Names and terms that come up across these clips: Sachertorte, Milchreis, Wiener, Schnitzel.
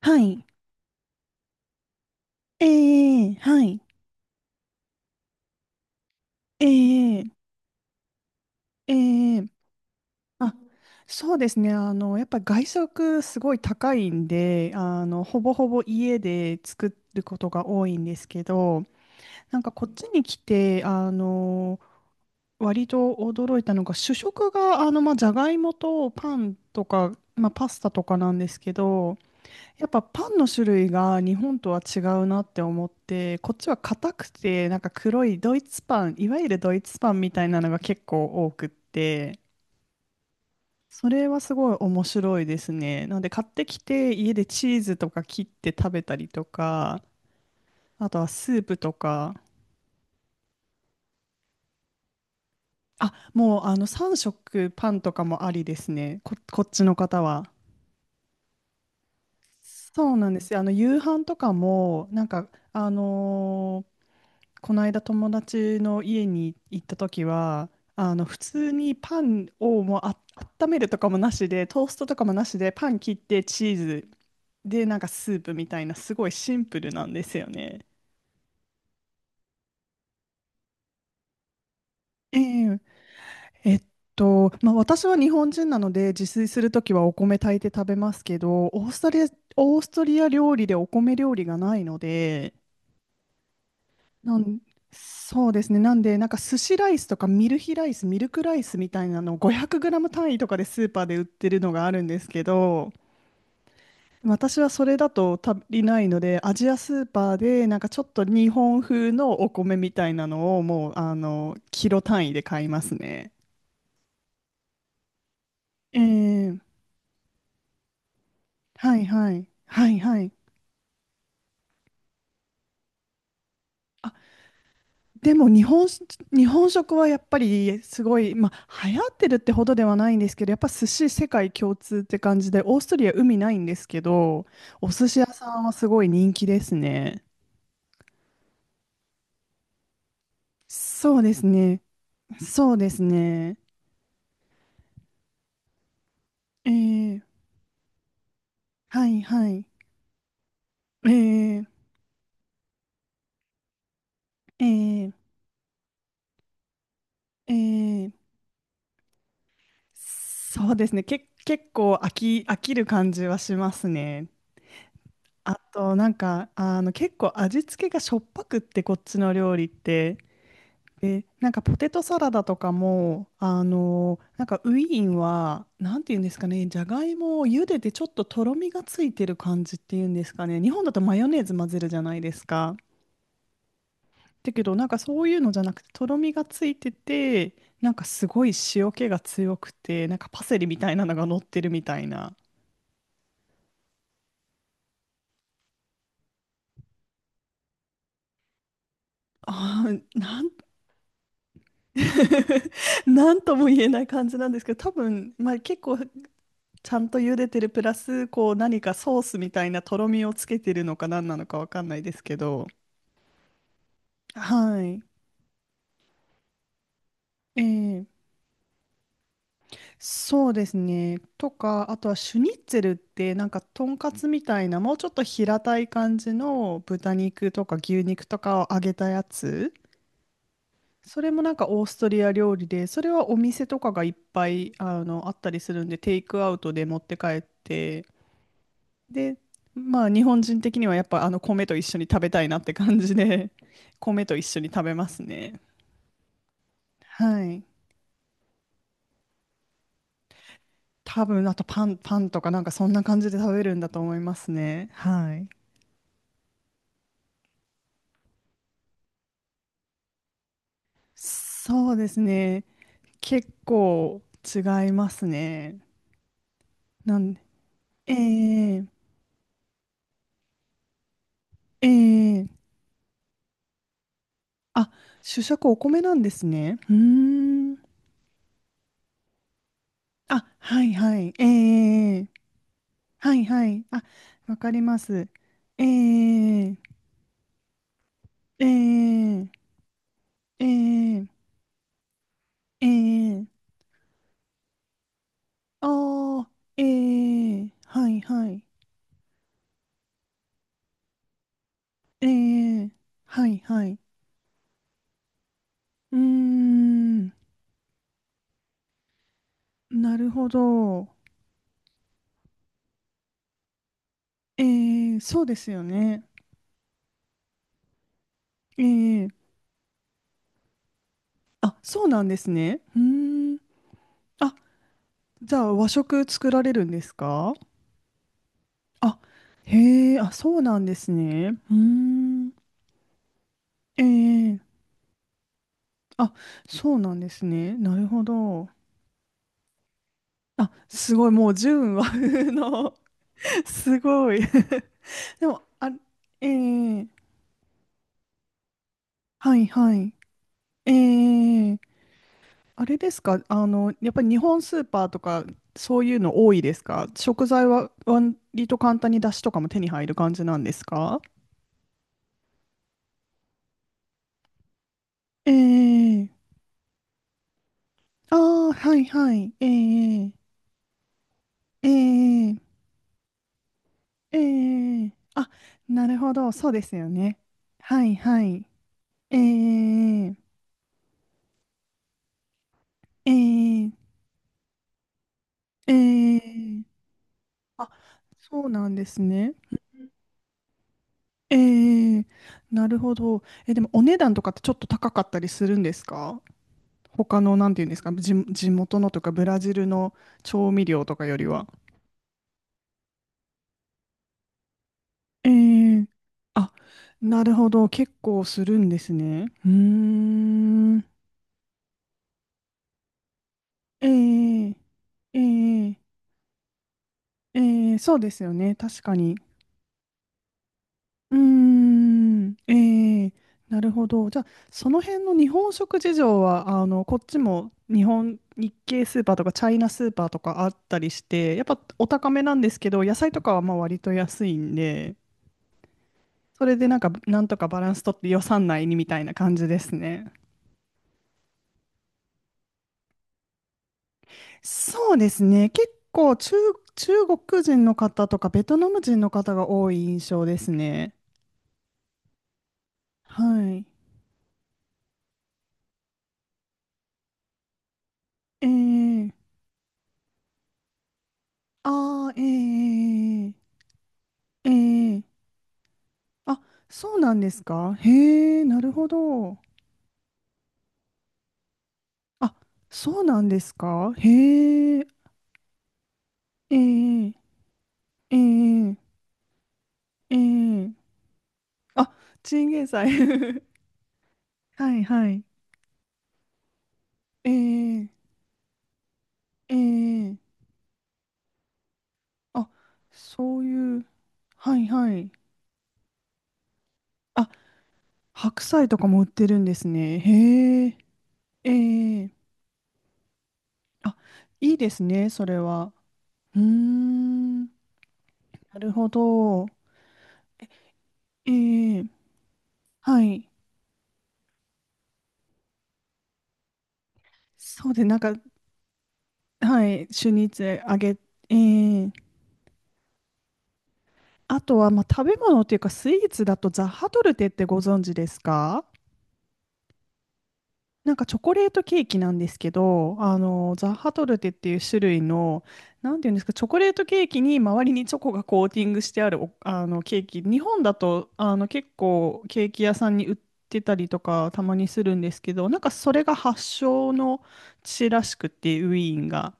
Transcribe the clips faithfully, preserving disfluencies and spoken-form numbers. はい。ええはい。ええええあ、そうですね。あの、やっぱり外食すごい高いんで、あの、ほぼほぼ家で作ることが多いんですけど、なんかこっちに来て、あの、割と驚いたのが、主食が、あの、まあ、じゃがいもとパンとか、まあ、パスタとかなんですけど、やっぱパンの種類が日本とは違うなって思って、こっちは硬くて、なんか黒いドイツパン、いわゆるドイツパンみたいなのが結構多くって、それはすごい面白いですね。なので買ってきて家でチーズとか切って食べたりとか、あとはスープとか、あ、もうあのさん食パンとかもありですね、こ、こっちの方は。そうなんですよ。あの夕飯とかも、なんか、あのこの間友達の家に行った時はあの普通にパンをもうあ温めるとかもなしでトーストとかもなしでパン切ってチーズでなんかスープみたいなすごいシンプルなんですよね。えええっと、まあ、私は日本人なので自炊するときはお米炊いて食べますけどオーストリア、オーストリア料理でお米料理がないのでなんそうですね。なんで、なんか寿司ライスとかミルヒライス、ミルクライスみたいなのをごひゃくム単位とかでスーパーで売ってるのがあるんですけど、私はそれだと足りないので、アジアスーパーでなんかちょっと日本風のお米みたいなのをもう、あの、キロ単位で買いますね。えー、はいはい。はいはい。でも日本し、日本食はやっぱりすごい、まあ、流行ってるってほどではないんですけど、やっぱ寿司世界共通って感じで、オーストリア海ないんですけど、お寿司屋さんはすごい人気ですね。そうですね。そうですね。えー、はいはい。えー、えー、えー、そうですね。け、結構飽き、飽きる感じはしますね。あと、なんか、あの、結構味付けがしょっぱくって、こっちの料理って。え、なんかポテトサラダとかも、あのなんかウィーンは、なんていうんですかね、じゃがいもを茹でてちょっととろみがついてる感じっていうんですかね、日本だとマヨネーズ混ぜるじゃないですか。だけど、なんかそういうのじゃなくて、とろみがついてて、なんかすごい塩気が強くて、なんかパセリみたいなのが乗ってるみたいな。ああ、なん、なんとも言えない感じなんですけど、多分、まあ、結構ちゃんと茹でてるプラス、こう何かソースみたいなとろみをつけてるのか何なのかわかんないですけど。はい。ええそうですね。とか、あとはシュニッツェルってなんかとんかつみたいな、もうちょっと平たい感じの豚肉とか牛肉とかを揚げたやつ。それもなんかオーストリア料理で、それはお店とかがいっぱいあの、あったりするんで、テイクアウトで持って帰ってで、まあ日本人的にはやっぱあの米と一緒に食べたいなって感じで、米と一緒に食べますね。はい。多分あとパン、パンとかなんかそんな感じで食べるんだと思いますね。はい。そうですね。結構違いますね。なんで、ええええあ、主食お米なんですね。うーん。あ、はいはい。ええはいはい。あ、わかります。ええええええええああ、ええはいはい。ええはいはい。うーん、なるほど。ええそうですよね。ええあ、そうなんですね。うーん。あ、じゃあ和食作られるんですか？あ、へえ、あ、そうなんですね。うーん。ええあ、そうなんですね。なるほど。あ、すごい、もう純和風の。 すごい。でも、あ、ええはいはい。ええあれですか、あの、やっぱり日本スーパーとか、そういうの多いですか？食材は割と簡単に出汁とかも手に入る感じなんですか？ええああー、はいはい。ええええええあ、なるほど、そうですよね。はいはい。ええええええあ、そうなんですね。ええなるほど。え、でもお値段とかってちょっと高かったりするんですか？他の、なんていうんですか、地、地元のとかブラジルの調味料とかよりは。ええあ、なるほど。結構するんですね。うーん。ええええええそうですよね。確かに。うーん、ええ、なるほど。じゃあ、その辺の日本食事情は、あの、こっちも日本、日系スーパーとかチャイナスーパーとかあったりして、やっぱお高めなんですけど、野菜とかはまあ割と安いんで、それでなんか、なんとかバランス取って予算内にみたいな感じですね。そうですね。結構中、中国人の方とかベトナム人の方が多い印象ですね。はい。ええ、ああ、ええ、ええ、ええあ、そうなんですか。へえ、なるほど。あ、そうなんですか。へえ、ええ、ええ、ええ。あ、チンゲン菜。はいはい。ええ、ええ。あ、そういう、はいはい。あ、白菜とかも売ってるんですね。へえ、ええ。あ、いいですね、それは。うーん、なるほど。ええ、はい。そうで、なんかはい、シュニッツェ揚げ、えー、あとは、まあ、食べ物っていうかスイーツだとザッハトルテってご存知ですか？なんかチョコレートケーキなんですけど、あのザッハトルテっていう種類の、なんていうんですか、チョコレートケーキに周りにチョコがコーティングしてあるおあのケーキ、日本だとあの結構ケーキ屋さんに売ってたりとかたまにするんですけど、なんかそれが発祥の地らしくて、ウィーンが。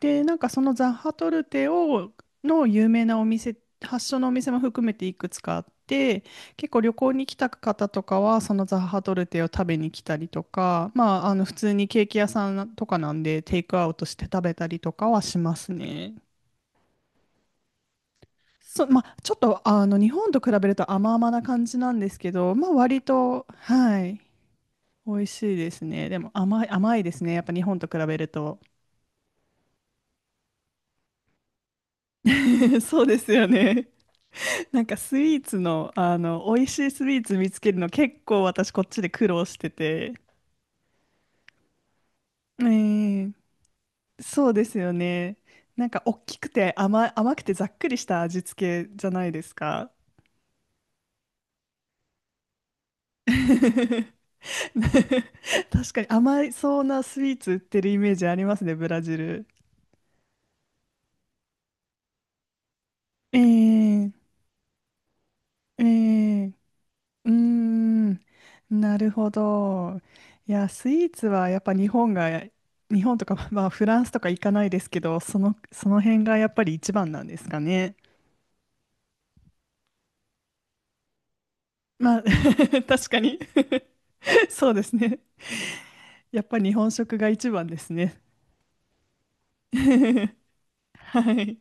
で、なんかそのザッハトルテを、の有名なお店、発祥のお店も含めていくつかあって、結構旅行に来た方とかは、そのザッハトルテを食べに来たりとか、まあ、あの普通にケーキ屋さんとかなんで、テイクアウトして食べたりとかはしますね。そ、まあ、ちょっとあの日本と比べると甘々な感じなんですけど、まあ、割と、はい、美味しいですね。でも甘い、甘いですね。やっぱ日本と比べると。そうですよね。なんかスイーツの、あの、美味しいスイーツ見つけるの結構私こっちで苦労してて。えーそうですよね。なんか大きくて甘、甘くてざっくりした味付けじゃないですか。確かに甘いそうなスイーツ売ってるイメージありますね、ブラジル。ええええうーん、なるほど。いや、スイーツはやっぱ日本が、日本とか、まあフランスとか行かないですけど、その、その辺がやっぱり一番なんですかね。まあ、確かに。 そうですね。やっぱ日本食が一番ですね。はい。